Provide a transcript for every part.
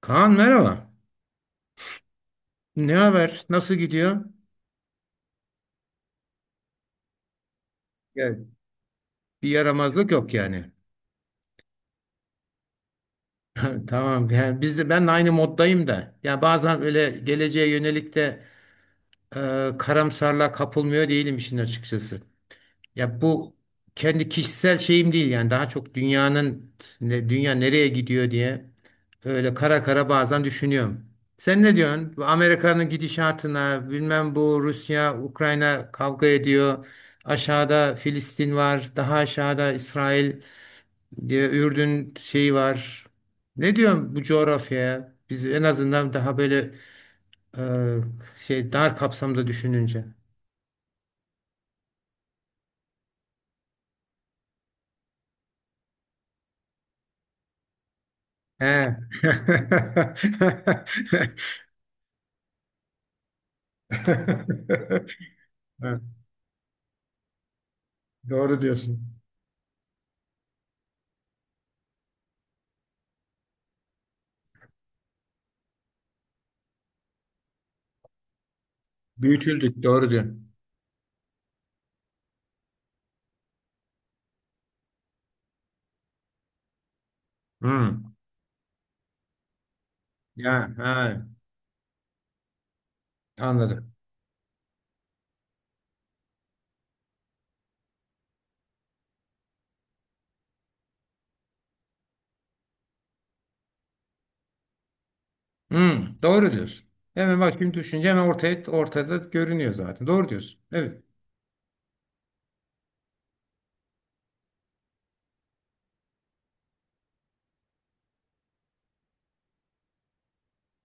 Kaan merhaba. Ne haber? Nasıl gidiyor? Ya, bir yaramazlık yok yani. Tamam. Yani biz de ben de aynı moddayım da. Ya bazen öyle geleceğe yönelik de e, karamsarlığa kapılmıyor değilim işin açıkçası. Ya bu kendi kişisel şeyim değil yani daha çok dünyanın dünya nereye gidiyor diye öyle kara kara bazen düşünüyorum. Sen ne diyorsun? Bu Amerika'nın gidişatına, bilmem bu Rusya, Ukrayna kavga ediyor. Aşağıda Filistin var, daha aşağıda İsrail diye Ürdün şeyi var. Ne diyorsun bu coğrafyaya? Biz en azından daha böyle e, şey dar kapsamda düşününce. He. Evet, doğru diyorsun. Büyütüldük, doğru diyorsun. Hmm. Ya, ha, anladım. Hmm, doğru diyorsun. Hemen bak şimdi düşünce hemen ortada görünüyor zaten. Doğru diyorsun. Evet.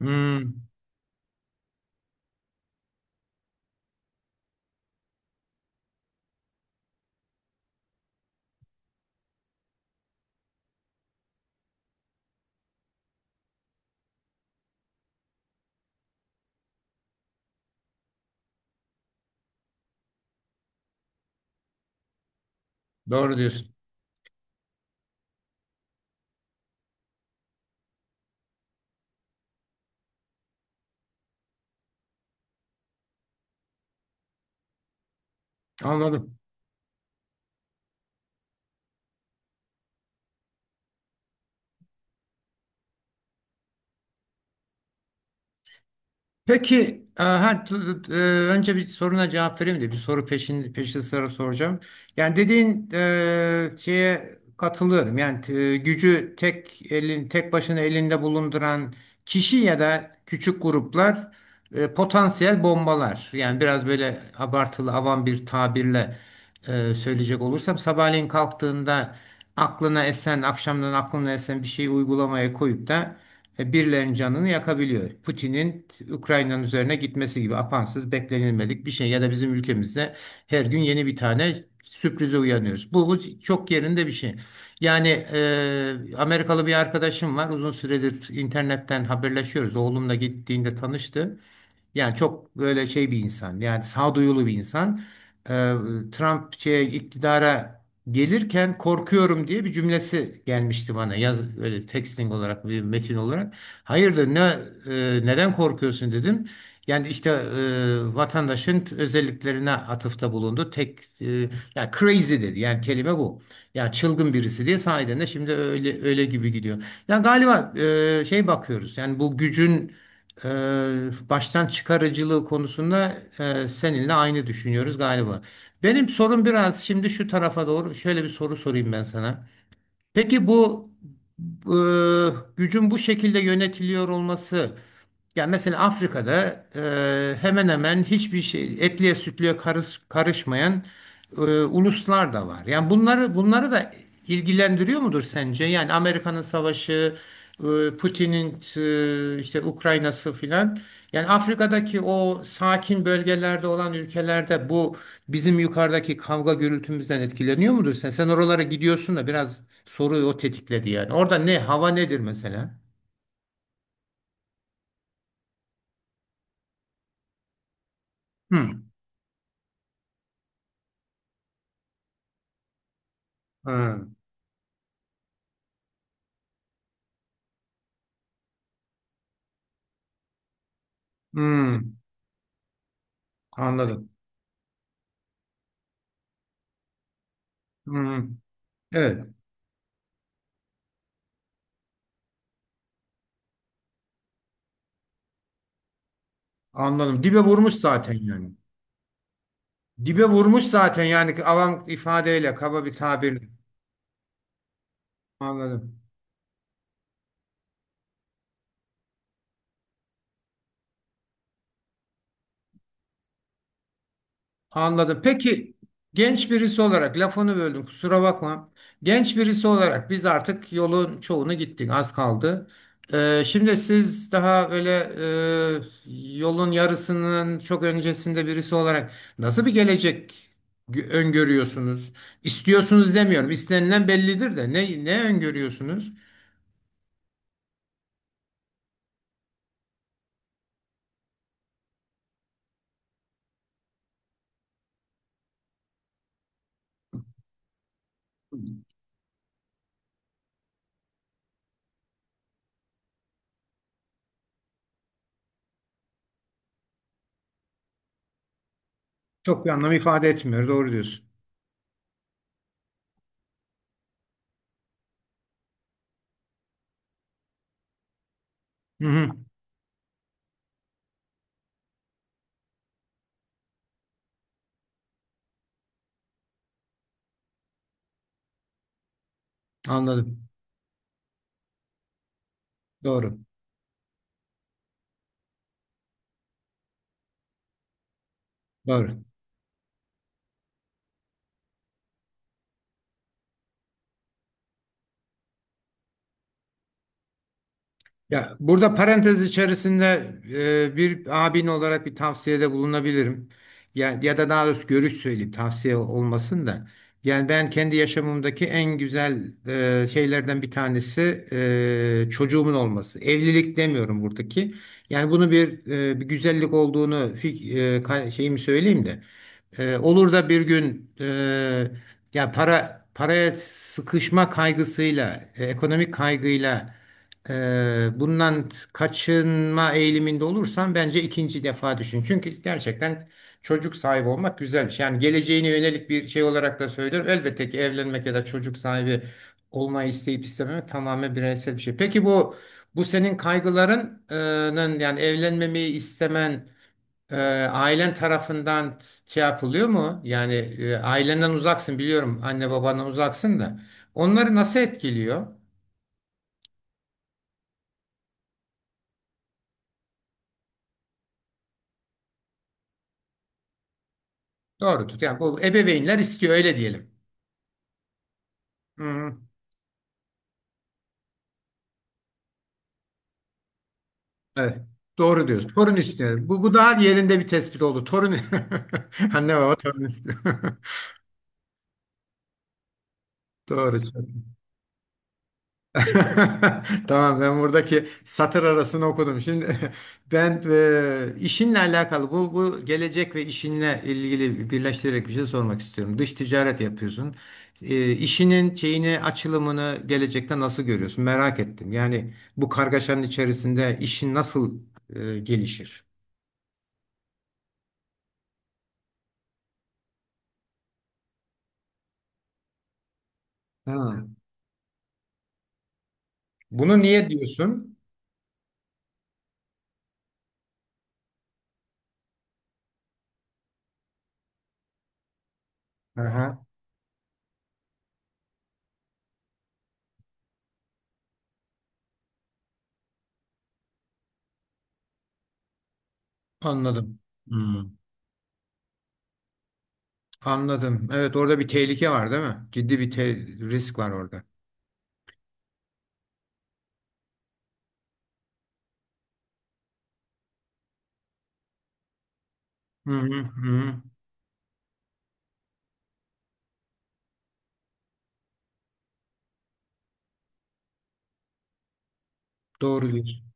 Hmm, doğru diyorsun. Anladım. Peki, önce bir soruna cevap vereyim de bir soru peşin peşi sıra soracağım. Yani dediğin şeye katılıyorum. Yani gücü tek elin tek başına elinde bulunduran kişi ya da küçük gruplar potansiyel bombalar. Yani biraz böyle abartılı avam bir tabirle söyleyecek olursam sabahleyin kalktığında aklına esen akşamdan aklına esen bir şeyi uygulamaya koyup da birilerinin canını yakabiliyor. Putin'in Ukrayna'nın üzerine gitmesi gibi apansız beklenilmedik bir şey ya da bizim ülkemizde her gün yeni bir tane sürprize uyanıyoruz. Bu çok yerinde bir şey. Yani Amerikalı bir arkadaşım var. Uzun süredir internetten haberleşiyoruz. Oğlumla gittiğinde tanıştı. Yani çok böyle şey bir insan. Yani sağduyulu bir insan e, Trump şeye, iktidara gelirken korkuyorum diye bir cümlesi gelmişti bana. Yaz öyle texting olarak bir metin olarak. Hayırdır neden korkuyorsun dedim. Yani işte vatandaşın özelliklerine atıfta bulundu. Ya crazy dedi. Yani kelime bu. Ya çılgın birisi diye sahiden de şimdi öyle öyle gibi gidiyor. Ya galiba şey bakıyoruz. Yani bu gücün e, baştan çıkarıcılığı konusunda seninle aynı düşünüyoruz galiba. Benim sorum biraz şimdi şu tarafa doğru şöyle bir soru sorayım ben sana. Peki bu e, gücün bu şekilde yönetiliyor olması, yani mesela Afrika'da hemen hemen hiçbir şey etliye sütlüye karışmayan uluslar da var. Yani bunları da ilgilendiriyor mudur sence? Yani Amerika'nın savaşı, Putin'in işte Ukrayna'sı filan. Yani Afrika'daki o sakin bölgelerde olan ülkelerde bu bizim yukarıdaki kavga gürültümüzden etkileniyor mudur sen? Sen oralara gidiyorsun da biraz soruyu o tetikledi yani. Orada ne hava nedir mesela? Hmm. Ha. Hmm. Anladım. Hmm. Evet, anladım. Dibe vurmuş zaten yani. Dibe vurmuş zaten yani avam ifadeyle, kaba bir tabirle. Anladım. Anladım. Peki genç birisi olarak lafını böldüm kusura bakma. Genç birisi olarak biz artık yolun çoğunu gittik az kaldı. Şimdi siz daha böyle yolun yarısının çok öncesinde birisi olarak nasıl bir gelecek öngörüyorsunuz? İstiyorsunuz demiyorum. İstenilen bellidir de ne öngörüyorsunuz? Çok bir anlam ifade etmiyor. Doğru diyorsun. Hı hı. Anladım. Doğru. Doğru. Ya burada parantez içerisinde bir abin olarak bir tavsiyede bulunabilirim. Ya, ya da daha doğrusu görüş söyleyeyim tavsiye olmasın da. Yani ben kendi yaşamımdaki en güzel şeylerden bir tanesi çocuğumun olması. Evlilik demiyorum buradaki. Yani bunu bir güzellik olduğunu şeyimi söyleyeyim de. Olur da bir gün ya para paraya sıkışma kaygısıyla, ekonomik kaygıyla bundan kaçınma eğiliminde olursan bence ikinci defa düşün. Çünkü gerçekten çocuk sahibi olmak güzel bir şey. Yani geleceğine yönelik bir şey olarak da söylüyorum. Elbette ki evlenmek ya da çocuk sahibi olmayı isteyip istememek tamamen bireysel bir şey. Peki bu senin kaygılarının yani evlenmemeyi istemen e, ailen tarafından şey yapılıyor mu? Yani ailenden uzaksın biliyorum. Anne babandan uzaksın da. Onları nasıl etkiliyor? Doğrudur. Yani bu ebeveynler istiyor öyle diyelim. Hı, hı. Evet. Doğru diyorsun. Torun istiyor. Bu daha yerinde bir tespit oldu. Torun. Anne baba torun istiyor. Doğru. Tamam ben buradaki satır arasını okudum. Şimdi ben işinle alakalı bu gelecek ve işinle ilgili birleştirerek bir şey sormak istiyorum. Dış ticaret yapıyorsun. E, işinin şeyini açılımını gelecekte nasıl görüyorsun? Merak ettim. Yani bu kargaşanın içerisinde işin nasıl gelişir? Ha. Bunu niye diyorsun? Aha. Anladım. Hmm, anladım. Evet orada bir tehlike var değil mi? Ciddi bir risk var orada. Hı hı, hı. Doğru diyorsun.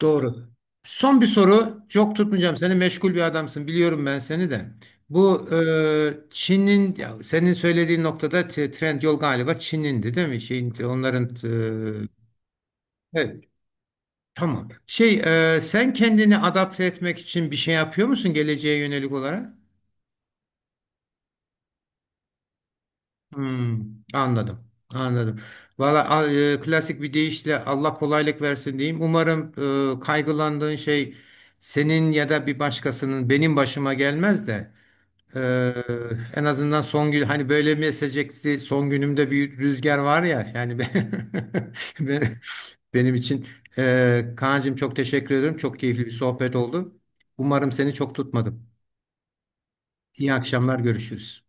Doğru. Son bir soru. Çok tutmayacağım. Seni meşgul bir adamsın. Biliyorum ben seni de. Bu Çin'in ya senin söylediğin noktada trend yol galiba Çin'indi değil mi? Şeyin, onların e, evet. Tamam. Şey sen kendini adapte etmek için bir şey yapıyor musun geleceğe yönelik olarak? Hmm, anladım. Anladım. Valla klasik bir deyişle Allah kolaylık versin diyeyim. Umarım kaygılandığın şey senin ya da bir başkasının benim başıma gelmez de e, en azından son gün hani böyle mi esecekti son günümde bir rüzgar var ya yani ben, ben- benim için Kaan'cığım çok teşekkür ederim. Çok keyifli bir sohbet oldu. Umarım seni çok tutmadım. İyi akşamlar görüşürüz.